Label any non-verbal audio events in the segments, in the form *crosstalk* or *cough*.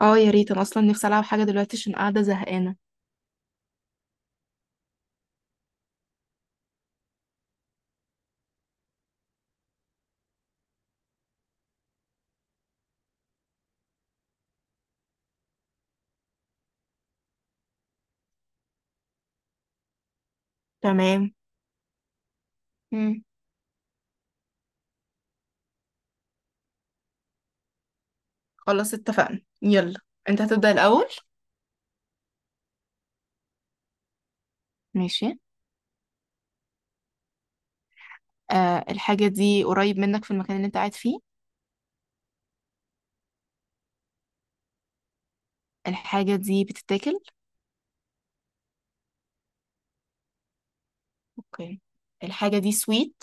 اه يا ريت، انا اصلا نفسي العب حاجه دلوقتي عشان قاعده زهقانه. تمام. مم. خلاص اتفقنا، يلا. انت هتبدا الاول. ماشي. الحاجه دي قريب منك في المكان اللي انت قاعد فيه؟ الحاجه دي بتتاكل؟ اوكي. الحاجه دي سويت؟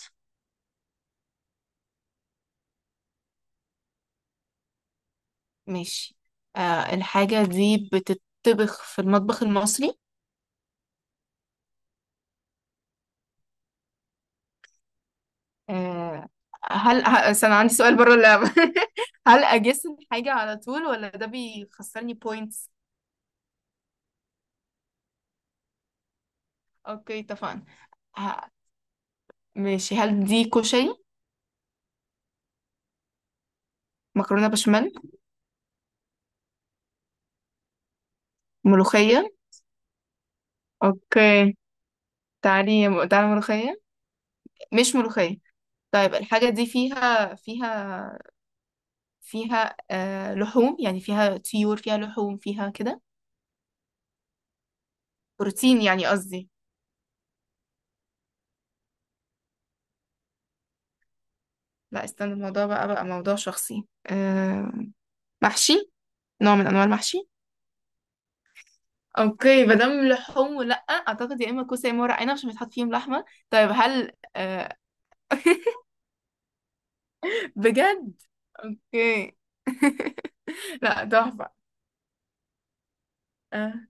ماشي. الحاجه دي بتطبخ في المطبخ المصري؟ آه. هل استنى، عندي سؤال بره اللعبه. *laughs* هل اجس الحاجه على طول ولا ده بيخسرني بوينتس؟ اوكي، اتفقنا. ه- ماشي، هل دي كشري؟ مكرونة بشاميل؟ ملوخية؟ اوكي. تعالي تعالي، ملوخية. مش ملوخية. طيب، الحاجة دي فيها فيها لحوم، يعني فيها طيور، فيها لحوم، فيها كده. بروتين يعني قصدي. لا، استنى، الموضوع بقى موضوع شخصي، آه. محشي. نوع من انواع المحشي. اوكي، ما دام لحوم، ولا اعتقد يا اما كوسه يا اما ورق عنب عشان بيتحط فيهم لحمه. طيب، هل آه *laughs* بجد. اوكي. *laughs* لا، تحفه. آه.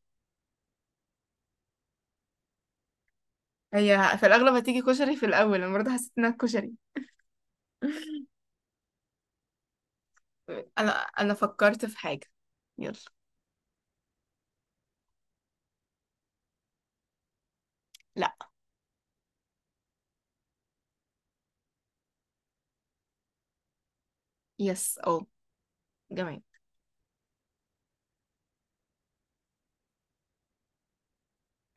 هي في الأغلب هتيجي كشري في الأول، أنا برضه حسيت إنها كشري. *laughs* أنا فكرت في حاجة. يلا. لا. يس أو. جميل.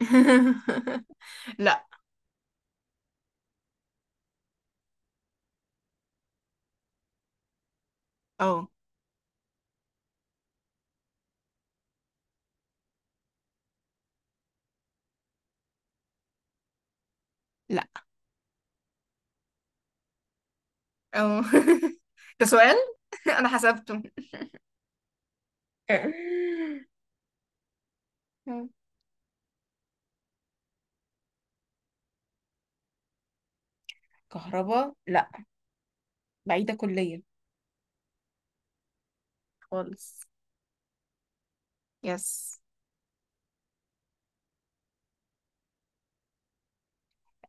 *laughs* لا. أو. لا. أو. *laughs* ده سؤال. *laughs* أنا حسبته. كهرباء، لا. بعيدة كليا. خالص. يس.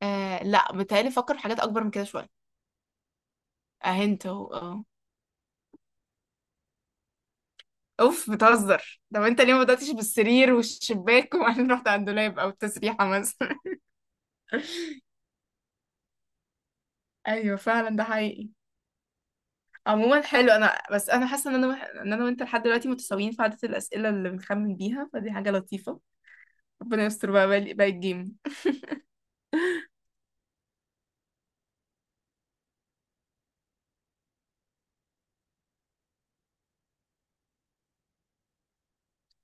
لا، بتهيألي فكر في حاجات أكبر من كده شوية. اه انت اهو اه اوف بتهزر، طب انت ليه ما بدأتش بالسرير والشباك وبعدين رحت على الدولاب او التسريحة مثلا؟ ايوه فعلا، ده حقيقي. عموما حلو، انا بس انا حاسه ان انا وانت لحد دلوقتي متساويين في عدد الاسئله اللي بنخمن بيها، فدي حاجه لطيفه. ربنا يستر بقى، باقي الجيم.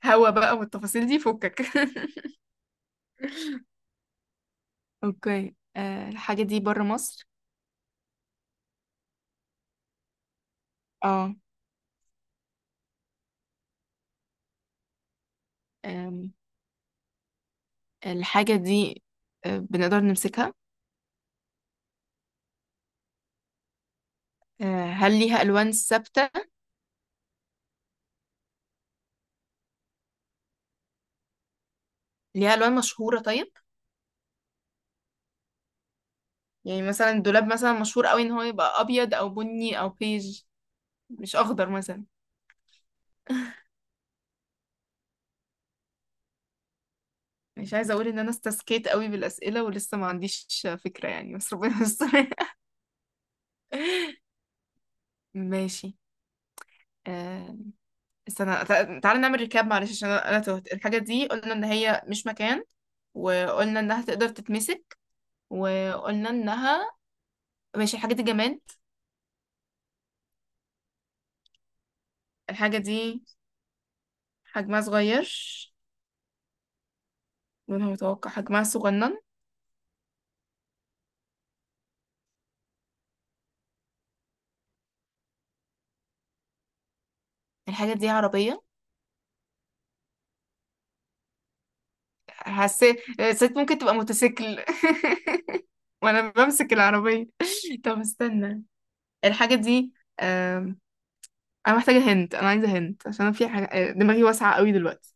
هوا بقى، والتفاصيل دي فكك. *laughs* اوكي، الحاجة دي بره مصر؟ اه. أم، الحاجة دي، بنقدر نمسكها؟ هل ليها ألوان ثابتة؟ ليها ألوان مشهورة، طيب؟ يعني مثلا الدولاب مثلا مشهور قوي ان هو يبقى أبيض أو بني أو بيج. مش أخضر مثلا. مش عايزة أقول إن أنا استسكيت قوي بالأسئلة ولسه ما عنديش فكرة يعني، بس ربنا يستر. *laughs* ماشي، آه، استنى، تعالى نعمل ريكاب معلش، عشان أنا تهت. الحاجة دي قلنا إن هي مش مكان. وقلنا إنها تقدر تتمسك. وقلنا إنها. ماشي، الحاجة دي جماد. الحاجة دي حجمها صغير. لونها متوقع، حجمها صغنن. الحاجة دي عربية. حسيت ممكن تبقى موتوسيكل. *laughs* وأنا بمسك العربية. *laughs* طب استنى. الحاجة دي، انا عايزه هنت، عشان أنا في حاجه، دماغي واسعه قوي دلوقتي.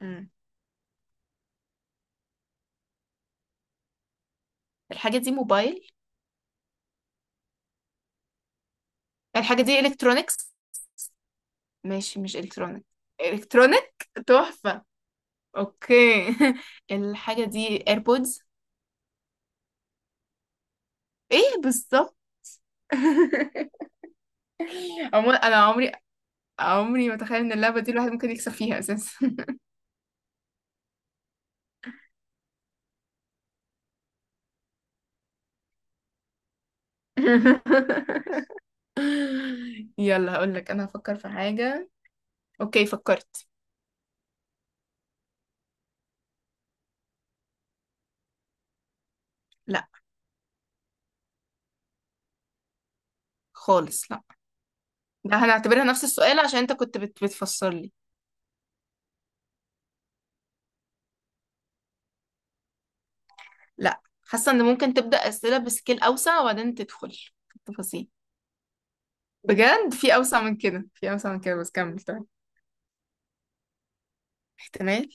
مم. الحاجة دي موبايل؟ الحاجة دي الكترونيكس؟ ماشي، مش الكترونيك. الكترونيك تحفه. اوكي. *laughs* الحاجة دي ايربودز؟ ايه بالظبط. *laughs* عموما انا عمري ما اتخيل ان اللعبه دي الواحد ممكن يكسب فيها اساسا. *laughs* يلا، هقول لك انا هفكر في حاجه. اوكي، فكرت. لا. خالص، لا. ده هنعتبرها نفس السؤال عشان انت بتفسر لي. لا. حاسه ان ممكن تبدا اسئله بسكيل اوسع وبعدين تدخل في التفاصيل. بجد، في اوسع من كده، في اوسع من كده، بس كمل طيب. احتمال.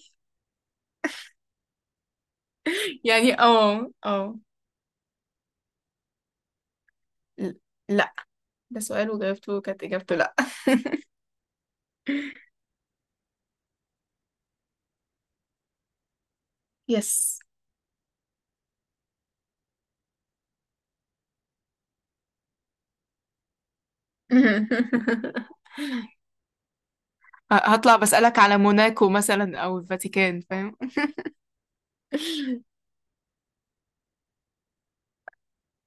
يعني ل- لا. ده سؤال وجاوبته كانت اجابته لا. يس. *laughs* هطلع بسألك على موناكو مثلا او الفاتيكان، فاهم؟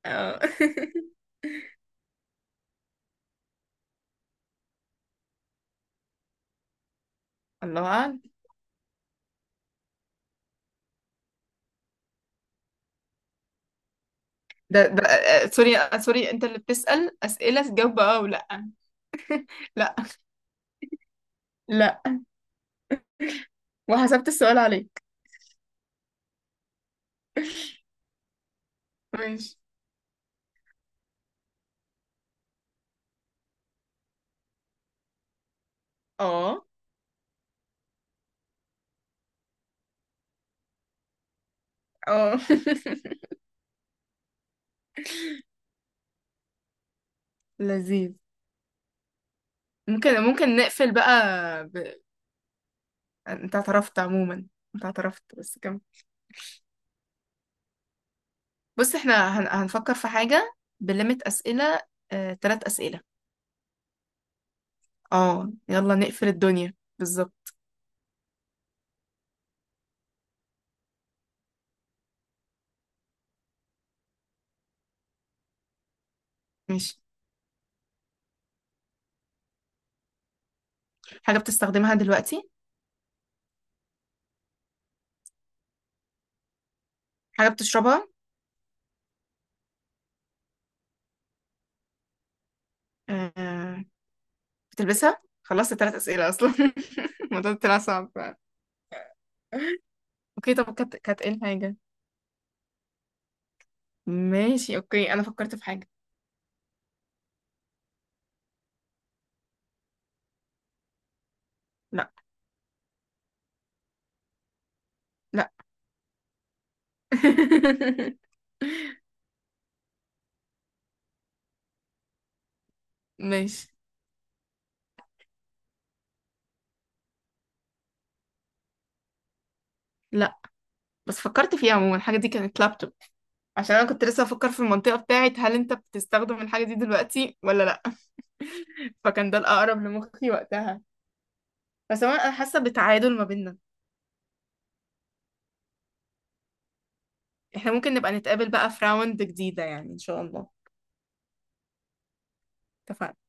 اه. *laughs* الله اعلم. ده ده سوري، سوري، انت اللي بتسأل اسئله تجاوب اه ولا؟ لا. لا. وحسبت السؤال عليك. ماشي. اه اه *laughs* لذيذ. ممكن نقفل بقى. ب... انت اعترفت عموما. انت اعترفت بس كم. بص احنا هنفكر في حاجة. بليمت أسئلة. تلات أسئلة. اه يلا نقفل الدنيا بالظبط. ماشي. حاجة بتستخدمها دلوقتي؟ حاجة بتشربها؟ آه... بتلبسها، خلصت تلات أسئلة أصلا. *laughs* الموضوع طلع صعب. اوكي، طب كانت ايه الحاجة؟ ماشي، اوكي، انا فكرت في حاجة. لا. لا. *laughs* ماشي. بس فكرت فيها، عموما الحاجة دي كانت لابتوب، عشان أنا كنت لسه بفكر في المنطقة بتاعت هل أنت بتستخدم الحاجة دي دلوقتي ولا لأ. فكان ده الأقرب لمخي وقتها. بس عموما أنا حاسة بتعادل ما بيننا. احنا ممكن نبقى نتقابل بقى في راوند جديدة يعني إن شاء الله. اتفقنا.